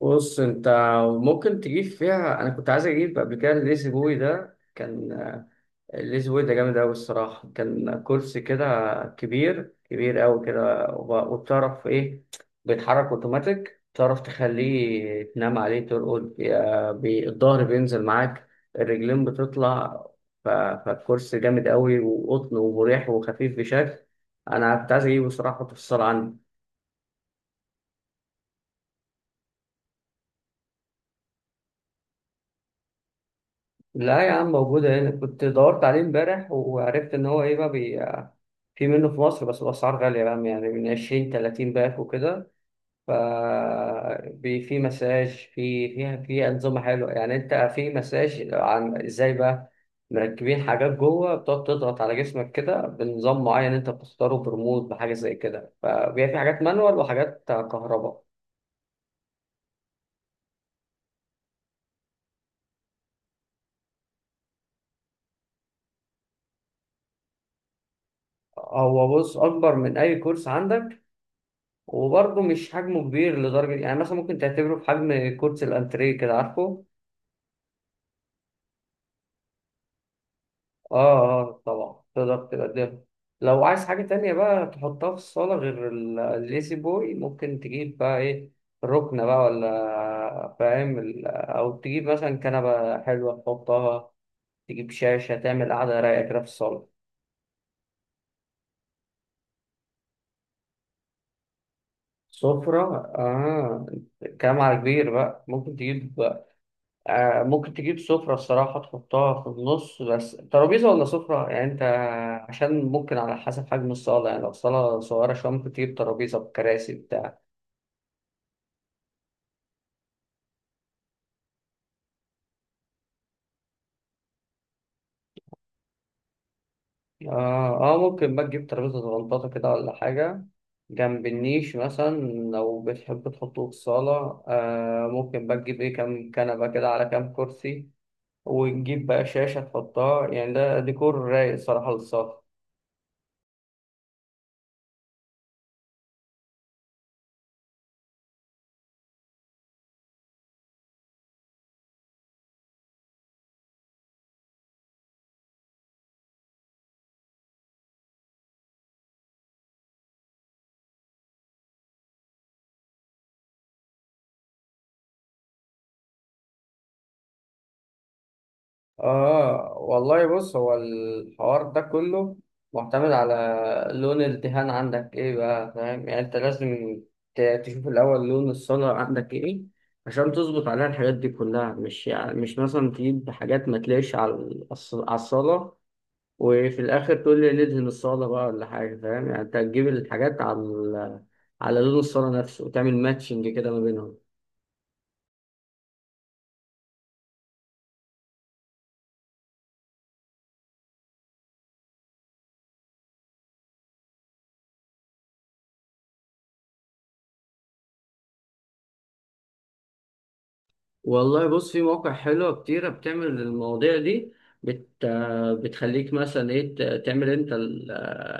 بص انت، ممكن تجيب فيها. انا كنت عايز اجيب قبل كده الليزي بوي ده جامد قوي الصراحه، كان كرسي كده كبير كبير قوي كده، وبتعرف ايه، بيتحرك اوتوماتيك، تعرف تخليه تنام عليه ترقد، الظهر بينزل معاك، الرجلين بتطلع. فالكرسي جامد قوي وقطن ومريح وخفيف بشكل. انا كنت عايز اجيبه الصراحه، احطه في الصاله عندي. لا يا عم، موجودة هنا. كنت دورت عليه امبارح وعرفت إن هو إيه بقى، في منه في مصر، بس الأسعار غالية بقى، يعني من 20 30 باك وكده. ف في مساج، في فيها في أنظمة حلوة، يعني أنت في مساج عن إزاي بقى مركبين حاجات جوه بتقعد تضغط على جسمك كده بنظام معين أنت بتختاره بريموت بحاجة زي كده، فبيبقى في حاجات مانوال وحاجات كهرباء. هو بص، أكبر من أي كورس عندك، وبرضه مش حجمه كبير لدرجة، يعني مثلا ممكن تعتبره في حجم كرسي الأنتريه كده، عارفه؟ آه آه، طبعا تقدر تقدمه. لو عايز حاجة تانية بقى تحطها في الصالة غير الليسي بوي، ممكن تجيب بقى إيه، ركنة بقى، ولا فاهم أو تجيب مثلا كنبة حلوة تحطها، تجيب شاشة تعمل قعدة رايقة كده في الصالة. سفرة آه، كلام على كبير بقى ممكن تجيب. ممكن تجيب سفرة الصراحة تحطها في النص، بس ترابيزة ولا سفرة، يعني أنت عشان ممكن على حسب حجم الصالة، يعني لو صالة صغيرة شوية ممكن تجيب ترابيزة بكراسي بتاع. آه، آه ممكن بقى تجيب ترابيزة صغنطاطة كده ولا حاجة، جنب النيش مثلا. لو بتحب تحطه في الصالة، آه ممكن بقى تجيب إيه، كام كنبة كده على كام كرسي، وتجيب بقى شاشة تحطها، يعني ده ديكور رايق الصراحة للصالة. آه والله بص، هو الحوار ده كله معتمد على لون الدهان عندك إيه بقى، فاهم؟ يعني أنت لازم تشوف الأول لون الصنع عندك إيه، عشان تظبط عليها الحاجات دي كلها، مش يعني مش مثلا تجيب حاجات ما تلاقيش على على الصالة، وفي الآخر تقول لي ندهن الصالة بقى ولا حاجة. فاهم؟ يعني أنت هتجيب الحاجات على على لون الصالة نفسه، وتعمل ماتشنج كده ما بينهم. والله بص، في مواقع حلوة كتيرة بتعمل المواضيع دي، بت... بتخليك مثلا ايه تعمل انت ال...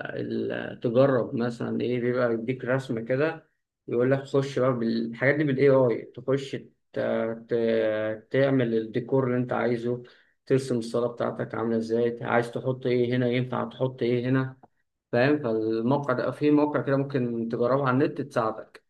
ال... تجرب مثلا ايه، بيبقى يديك رسمة كده، يقول لك خش بقى بالحاجات دي بالاي اي، تخش ت... تعمل الديكور اللي انت عايزه، ترسم الصالة بتاعتك عاملة ازاي، عايز تحط ايه هنا، ينفع تحط ايه هنا، فاهم؟ فالموقع ده، في موقع كده ممكن تجربه على النت، تساعدك.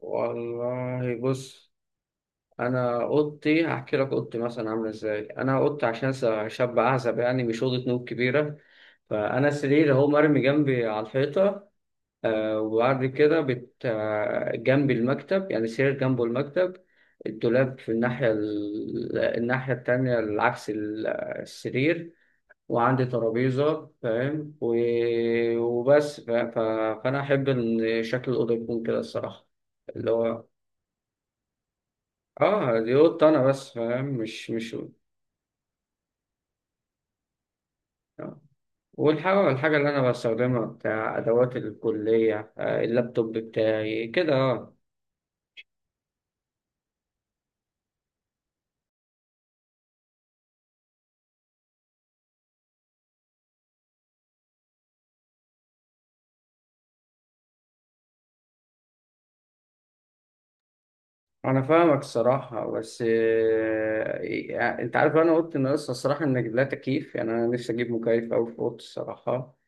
والله بص، انا اوضتي هحكي لك اوضتي مثلا عامله ازاي. انا اوضتي عشان شاب اعزب، يعني مش اوضه نوم كبيره. فانا سرير اهو مرمي جنبي على الحيطه، آه، وبعد كده بت آه، جنبي المكتب، يعني سرير جنبه المكتب. الدولاب في الناحيه الناحيه التانية العكس السرير، وعندي ترابيزه، فاهم، وبس. فانا احب ان شكل الاوضه يكون كده الصراحه. اللي هو اه، دي اوضه انا بس، فاهم، مش آه. والحاجة اللي أنا بستخدمها بتاع أدوات الكلية، اللابتوب بتاعي كده، أه. أنا فاهمك الصراحة، بس يعني أنت عارف أنا قلت إن لسه الصراحة إن لا تكييف، يعني أنا نفسي أجيب مكيف أوي في أوضتي الصراحة.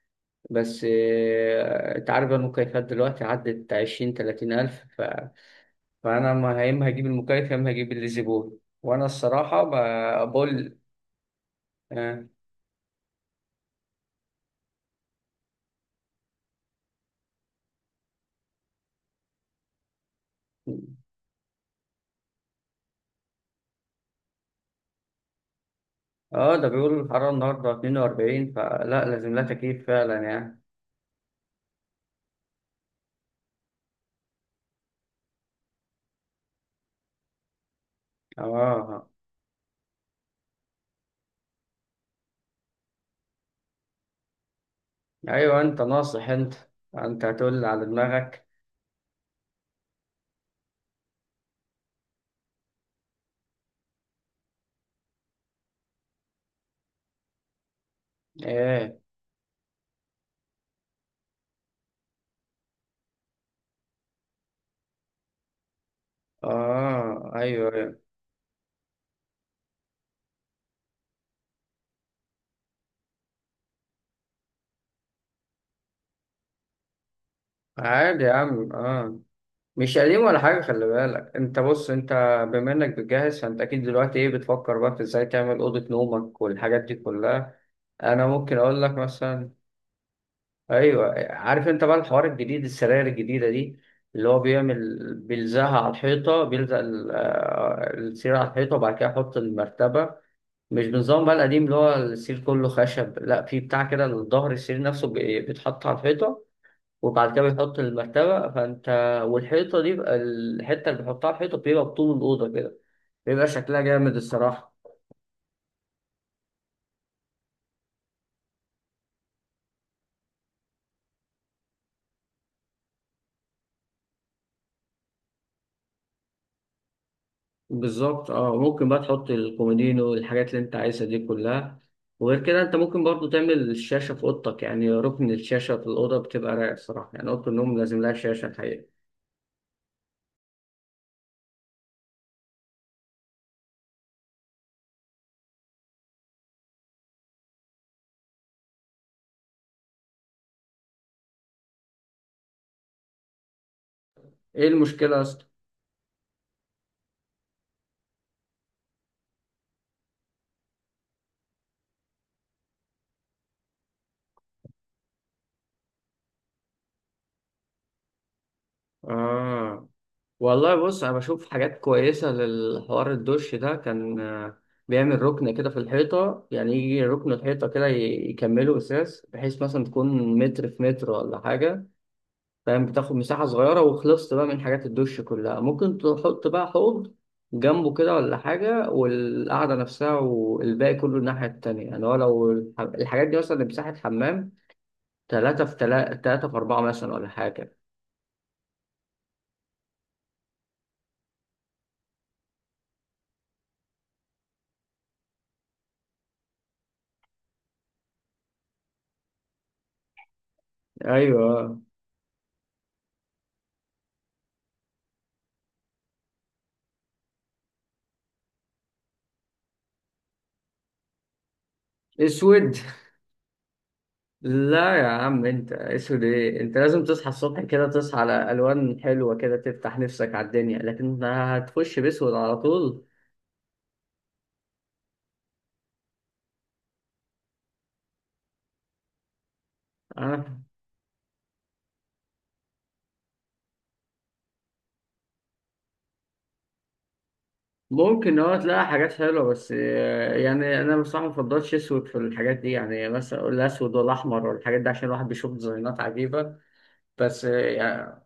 بس أنت عارف بقى، المكيفات دلوقتي عدت 20 30 ألف. فأنا ما يا إما هجيب المكيف يا إما هجيب الليزي بول، وأنا الصراحة بقول. آه. اه، ده بيقول الحرارة النهاردة 42، فلا لازم لها تكييف فعلا يعني. اه ايوه، انت ناصح انت هتقول على دماغك. ايه؟ اه ايوه ايوه. عادي يا عم، اه. مش قديم ولا حاجة. خلي بالك، انت بص انت، بما انك بتجهز، فانت اكيد دلوقتي ايه بتفكر بقى في ازاي تعمل اوضة نومك والحاجات دي كلها. انا ممكن اقول لك مثلا. ايوه، عارف انت بقى الحوار الجديد، السراير الجديدة دي اللي هو بيعمل بيلزقها على الحيطة، بيلزق السرير على الحيطة، وبعد كده يحط المرتبة، مش بنظام بقى القديم اللي هو السرير كله خشب، لا، في بتاع كده، الظهر السرير نفسه بيتحط على الحيطة، وبعد كده بيحط المرتبة. فانت والحيطة دي بقى، الحتة اللي بيحطها على الحيطة بيبقى بطول الأوضة كده، بيبقى شكلها جامد الصراحة. بالظبط اه، ممكن بقى تحط الكومودينو والحاجات اللي انت عايزها دي كلها. وغير كده، انت ممكن برضو تعمل الشاشة في اوضتك، يعني ركن الشاشة في الأوضة بتبقى رايق الصراحة، يعني أوضة النوم لازم لها شاشة الحقيقة. ايه المشكلة يا اسطى؟ اه والله بص، انا بشوف حاجات كويسة للحوار الدش ده، كان بيعمل ركن كده في الحيطة، يعني يجي ركن الحيطة كده يكمله أساس، بحيث مثلا تكون متر في متر ولا حاجة، فاهم، بتاخد مساحة صغيرة، وخلصت بقى من حاجات الدش كلها. ممكن تحط بقى حوض جنبه كده ولا حاجة، والقعدة نفسها والباقي كله الناحية التانية، يعني هو لو الحاجات دي مثلا مساحة حمام 3 في 3، 3 في 4 مثلا ولا حاجة. أيوه، أسود؟ لا يا عم، أنت أسود إيه؟ أنت لازم تصحى الصبح كده، تصحى على ألوان حلوة كده، تفتح نفسك على الدنيا، لكن هتخش بأسود على طول؟ آه. ممكن اه تلاقي حاجات حلوة، بس يعني أنا بصراحة مفضلش أسود في الحاجات دي، يعني مثلا أقول الأسود ولا أحمر ولا الحاجات دي، عشان الواحد بيشوف ديزاينات عجيبة. بس اه يعني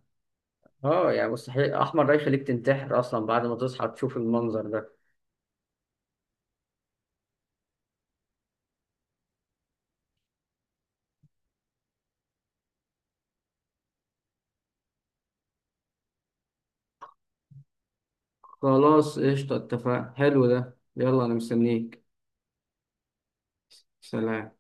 يعني مستحيل أحمر، ده يخليك تنتحر أصلا بعد ما تصحى تشوف المنظر ده. خلاص قشطة، اتفقنا، حلو ده، يلا أنا مستنيك. سلام.